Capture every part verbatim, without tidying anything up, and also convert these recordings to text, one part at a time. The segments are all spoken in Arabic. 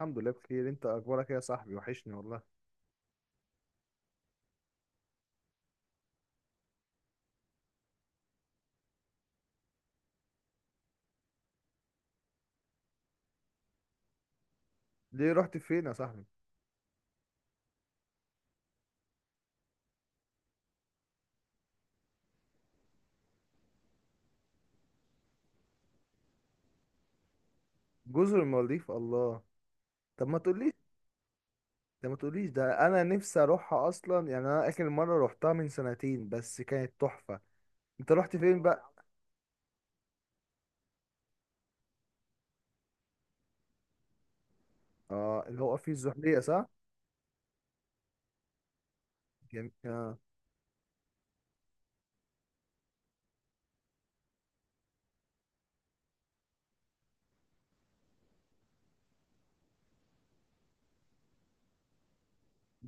الحمد لله بخير، انت اخبارك ايه يا صاحبي؟ وحشني والله. ليه رحت فين يا صاحبي؟ جزر المالديف؟ الله. طب ما تقوليش ده ما تقوليش ده انا نفسي اروحها اصلا. يعني انا اخر مره روحتها من سنتين بس كانت تحفه. انت رحت فين بقى؟ اه، اللي هو في الزحليقه، صح؟ جم... آه.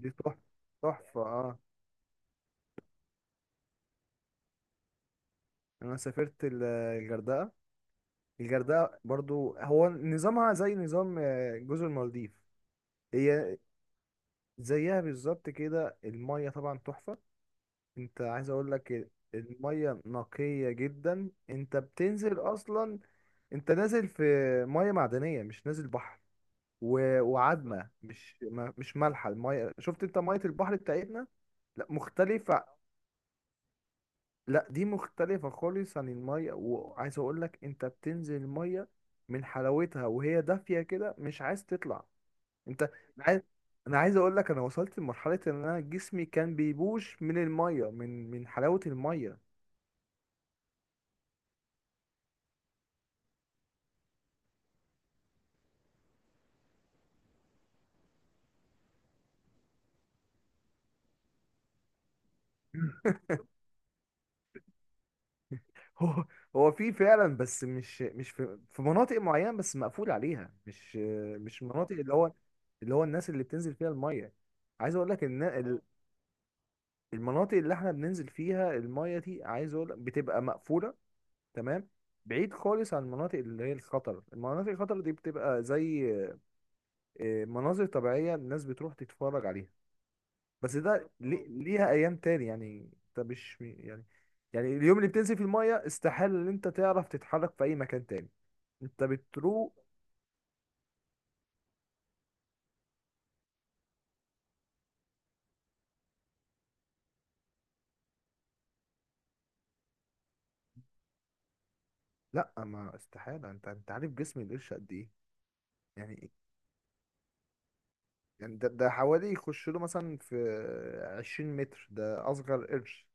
دي تحفه. تحفه، اه. انا سافرت ال- الغردقه الغردقه برضو هو نظامها زي نظام آه، جزر المالديف. هي زيها بالظبط كده. المية طبعا تحفة. انت عايز اقول لك المية نقية جدا. انت بتنزل اصلا، انت نازل في مية معدنية مش نازل بحر. و... وعدمة مش ما... مش مالحة المية. شفت انت مية البحر بتاعتنا؟ لا، مختلفة. لا، دي مختلفة خالص عن المية. وعايز اقول لك انت بتنزل المية، من حلاوتها وهي دافية كده مش عايز تطلع. انت انا عايز انا عايز اقول لك انا وصلت لمرحلة ان انا جسمي كان بيبوش من المية، من من حلاوة المية. هو هو في فعلا بس مش مش في, في مناطق معينة بس مقفول عليها. مش مش مناطق اللي هو اللي هو الناس اللي بتنزل فيها المية، عايز اقول لك ان ال- المناطق اللي احنا بننزل فيها المية دي، عايز اقول لك بتبقى مقفولة تمام. بعيد خالص عن المناطق اللي هي الخطر. المناطق الخطر دي بتبقى زي آه، مناظر طبيعية، الناس بتروح تتفرج عليها. بس ده لي- ليها ايام تاني. يعني انت مش، يعني يعني اليوم اللي بتنزل في المية استحالة ان انت تعرف تتحرك في اي مكان تاني. انت بتروق. لا، ما استحاله، انت انت عارف جسم القرش قد ايه؟ يعني يعني ده ده حوالي يخش له مثلا في 20 متر، ده اصغر قرش.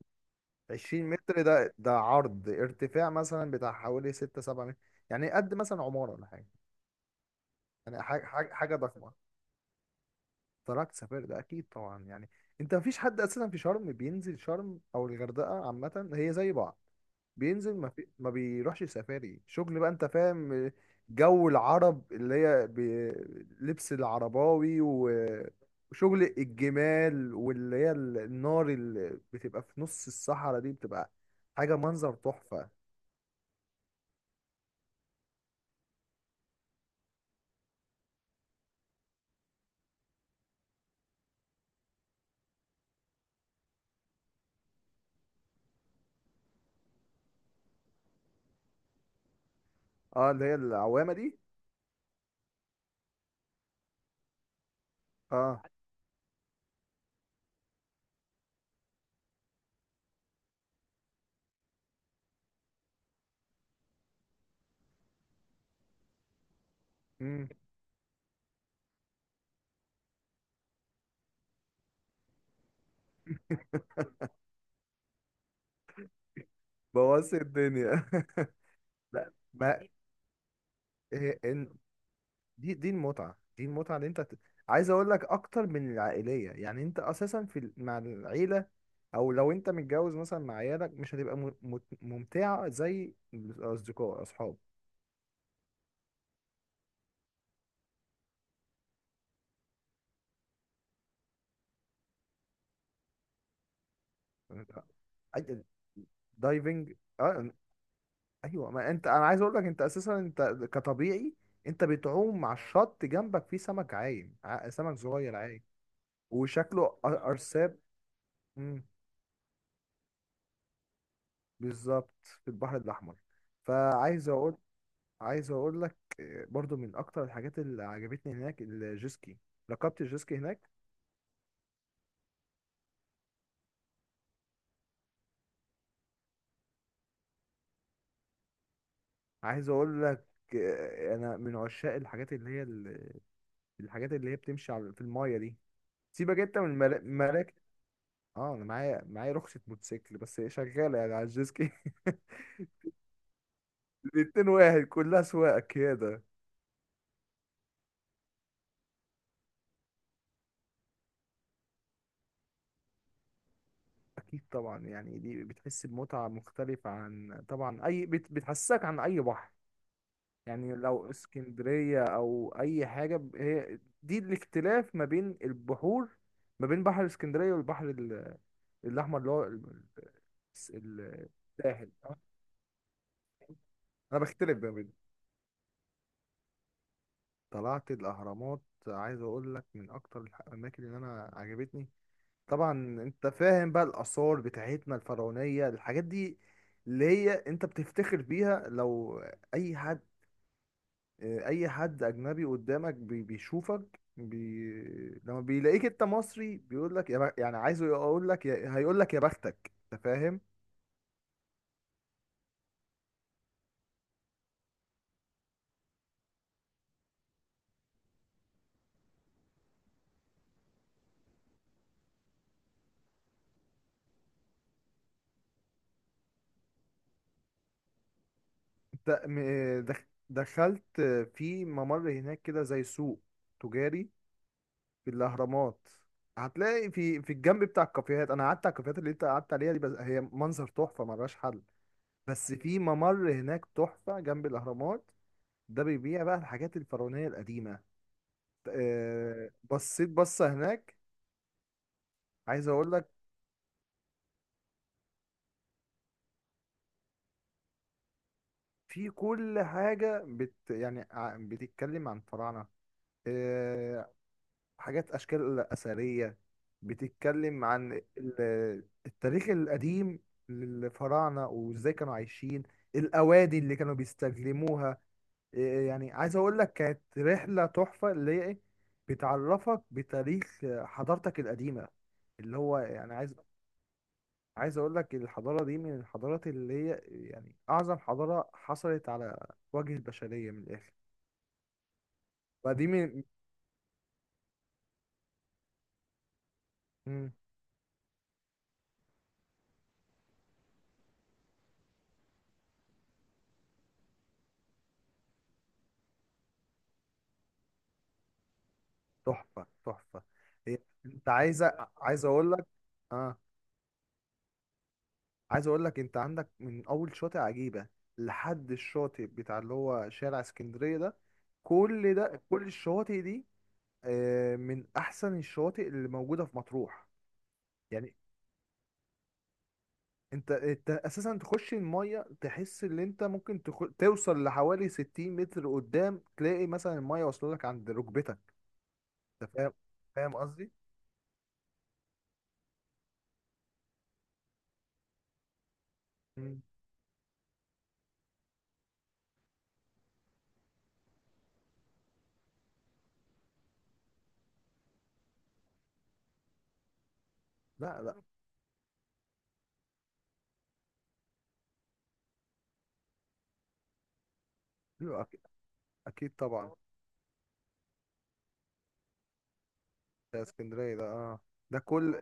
20 متر، ده ده عرض ارتفاع مثلا بتاع حوالي ستة سبعة متر. يعني قد مثلا عماره ولا حاجه. يعني حاجه حاجه حاجة ضخمه. تركت سفاري ده اكيد طبعا، يعني انت مفيش حد اساسا في شرم بينزل شرم او الغردقه، عامه هي زي بعض. بينزل، ما, في... ما بيروحش سفاري، شغل بقى انت فاهم. جو العرب اللي هي بي... لبس العرباوي، و... وشغل الجمال، واللي هي ال- النار اللي بتبقى في نص الصحراء دي بتبقى حاجه، منظر تحفه. اه، اللي هي العوامه دي. اه. امم بوظت الدنيا. لا، ما إيه- إن- دي دي المتعة، دي المتعة اللي انت ت- عايز اقول لك، اكتر من العائلية. يعني انت اساسا في ال- مع العيلة، او لو انت متجوز مثلا مع عيالك مش هتبقى م- مت- ممتعة زي الاصدقاء، اصحاب. أي- دايفنج، اه. ايوه، ما انت، انا عايز اقول لك انت اساسا انت كطبيعي، انت بتعوم مع الشط جنبك فيه سمك عايم، ع- سمك صغير عايم. وشكله أر- ارساب مم، بالظبط في البحر الاحمر. فعايز اقول عايز اقول لك آه، برضو من اكتر الحاجات اللي عجبتني هناك الجيسكي. ركبت الجيسكي هناك. عايز اقول لك، آه، انا من عشاق الحاجات اللي هي ال- الحاجات اللي هي بتمشي على- في المايه دي. سيبك انت من الملا- المراكب مراكب، اه. انا معايا معايا رخصة موتوسيكل بس هي شغالة يعني على الجيسكي. الاتنين واحد، كلها سواقة كده. اكيد طبعا. يعني دي بتحس بمتعة مختلفة عن طبعا اي، بت... بتحسسك عن اي بحر. يعني لو اسكندرية أو أي حاجة، ب- هي دي الاختلاف ما بين البحور، ما بين بحر اسكندرية والبحر ال- الأحمر اللي هو ال- الس- ال- الساحل أه. انا بختلف ما بينهم. طلعت الاهرامات، عايز اقول لك من اكتر الح- الاماكن اللي انا عجبتني. طبعا انت فاهم بقى الاثار بتاعتنا الفرعونيه، الحاجات دي اللي هي انت بتفتخر بيها. لو اي حد، آه، اي حد اجنبي قدامك بي- بيشوفك بي... لما بيلاقيك انت مصري بيقول لك يا بخ... يعني عايزه يقول لك يا... هيقول لك يا بختك، انت فاهم؟ انت م... دخ... دخلت في ممر هناك كده زي سوق تجاري في الاهرامات. هتلاقي في في الجنب بتاع الكافيهات. انا قعدت على الكافيهات اللي انت قعدت عليها دي، بس هي منظر تحفه ملهاش حل. بس في ممر هناك تحفه جنب الاهرامات، ده بيبيع بقى الحاجات الفرعونيه القديمه. آه، بصيت بصه هناك. عايز اقول لك في كل حاجه بت يعني ع- بتتكلم عن الفراعنه. آه، حاجات، اشكال اثريه بتتكلم عن ال- التاريخ القديم للفراعنه وازاي كانوا عايشين، الاوادي اللي كانوا بيستخدموها. آه، يعني عايز اقول لك كانت رحله تحفه. اللي هي إيه؟ بتعرفك بتاريخ حضارتك القديمه. اللي هو يعني عايز عايز اقول لك الحضاره دي من الحضارات اللي هي، يعني اعظم حضاره حصلت على وجه البشريه، من الاخر. فدي من. مم. تحفه تحفه. هي، انت عايزه عايز اقول لك، اه. عايز اقول لك انت عندك من اول شاطئ عجيبه لحد الشاطئ بتاع اللي هو شارع اسكندريه ده، كل ده، كل الشواطئ دي آه، من احسن الشواطئ اللي موجوده في مطروح. يعني انت انت اساسا تخش الميه تحس ان انت ممكن تخ... توصل لحوالي 60 متر قدام تلاقي مثلا الميه واصله لك عند ركبتك. انت فاهم؟ فاهم قصدي؟ مم. لا، لا، ايوه اكيد. أكيد طبعا. ده اسكندريه ده، اه. ده كل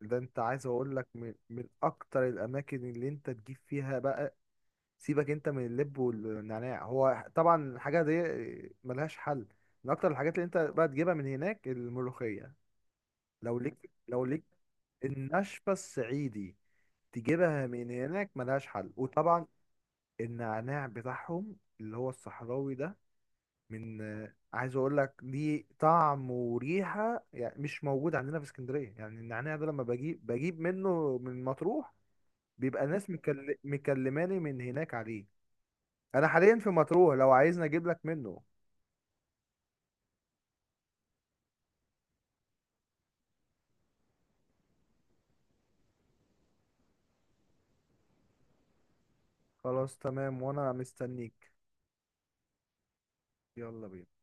ده، انت عايز اقول لك من... من اكتر الاماكن اللي انت تجيب فيها بقى. سيبك انت من اللب والنعناع، هو طبعا الحاجه دي ملهاش حل. من اكتر الحاجات اللي انت بقى تجيبها من هناك الملوخيه، لو ليك لو ليك النشفة الصعيدي تجيبها من هناك ملهاش حل. وطبعا النعناع بتاعهم اللي هو الصحراوي ده، من آه، عايز اقول لك ليه طعم وريحة يعني مش موجود عندنا في اسكندرية. يعني النعناع ده لما بجيب بجيب منه من مطروح، بيبقى ناس مكل... مكلماني من هناك عليه. انا حاليا في مطروح، لو عايزني اجيب لك منه. خلاص تمام، وانا مستنيك. يلا بينا.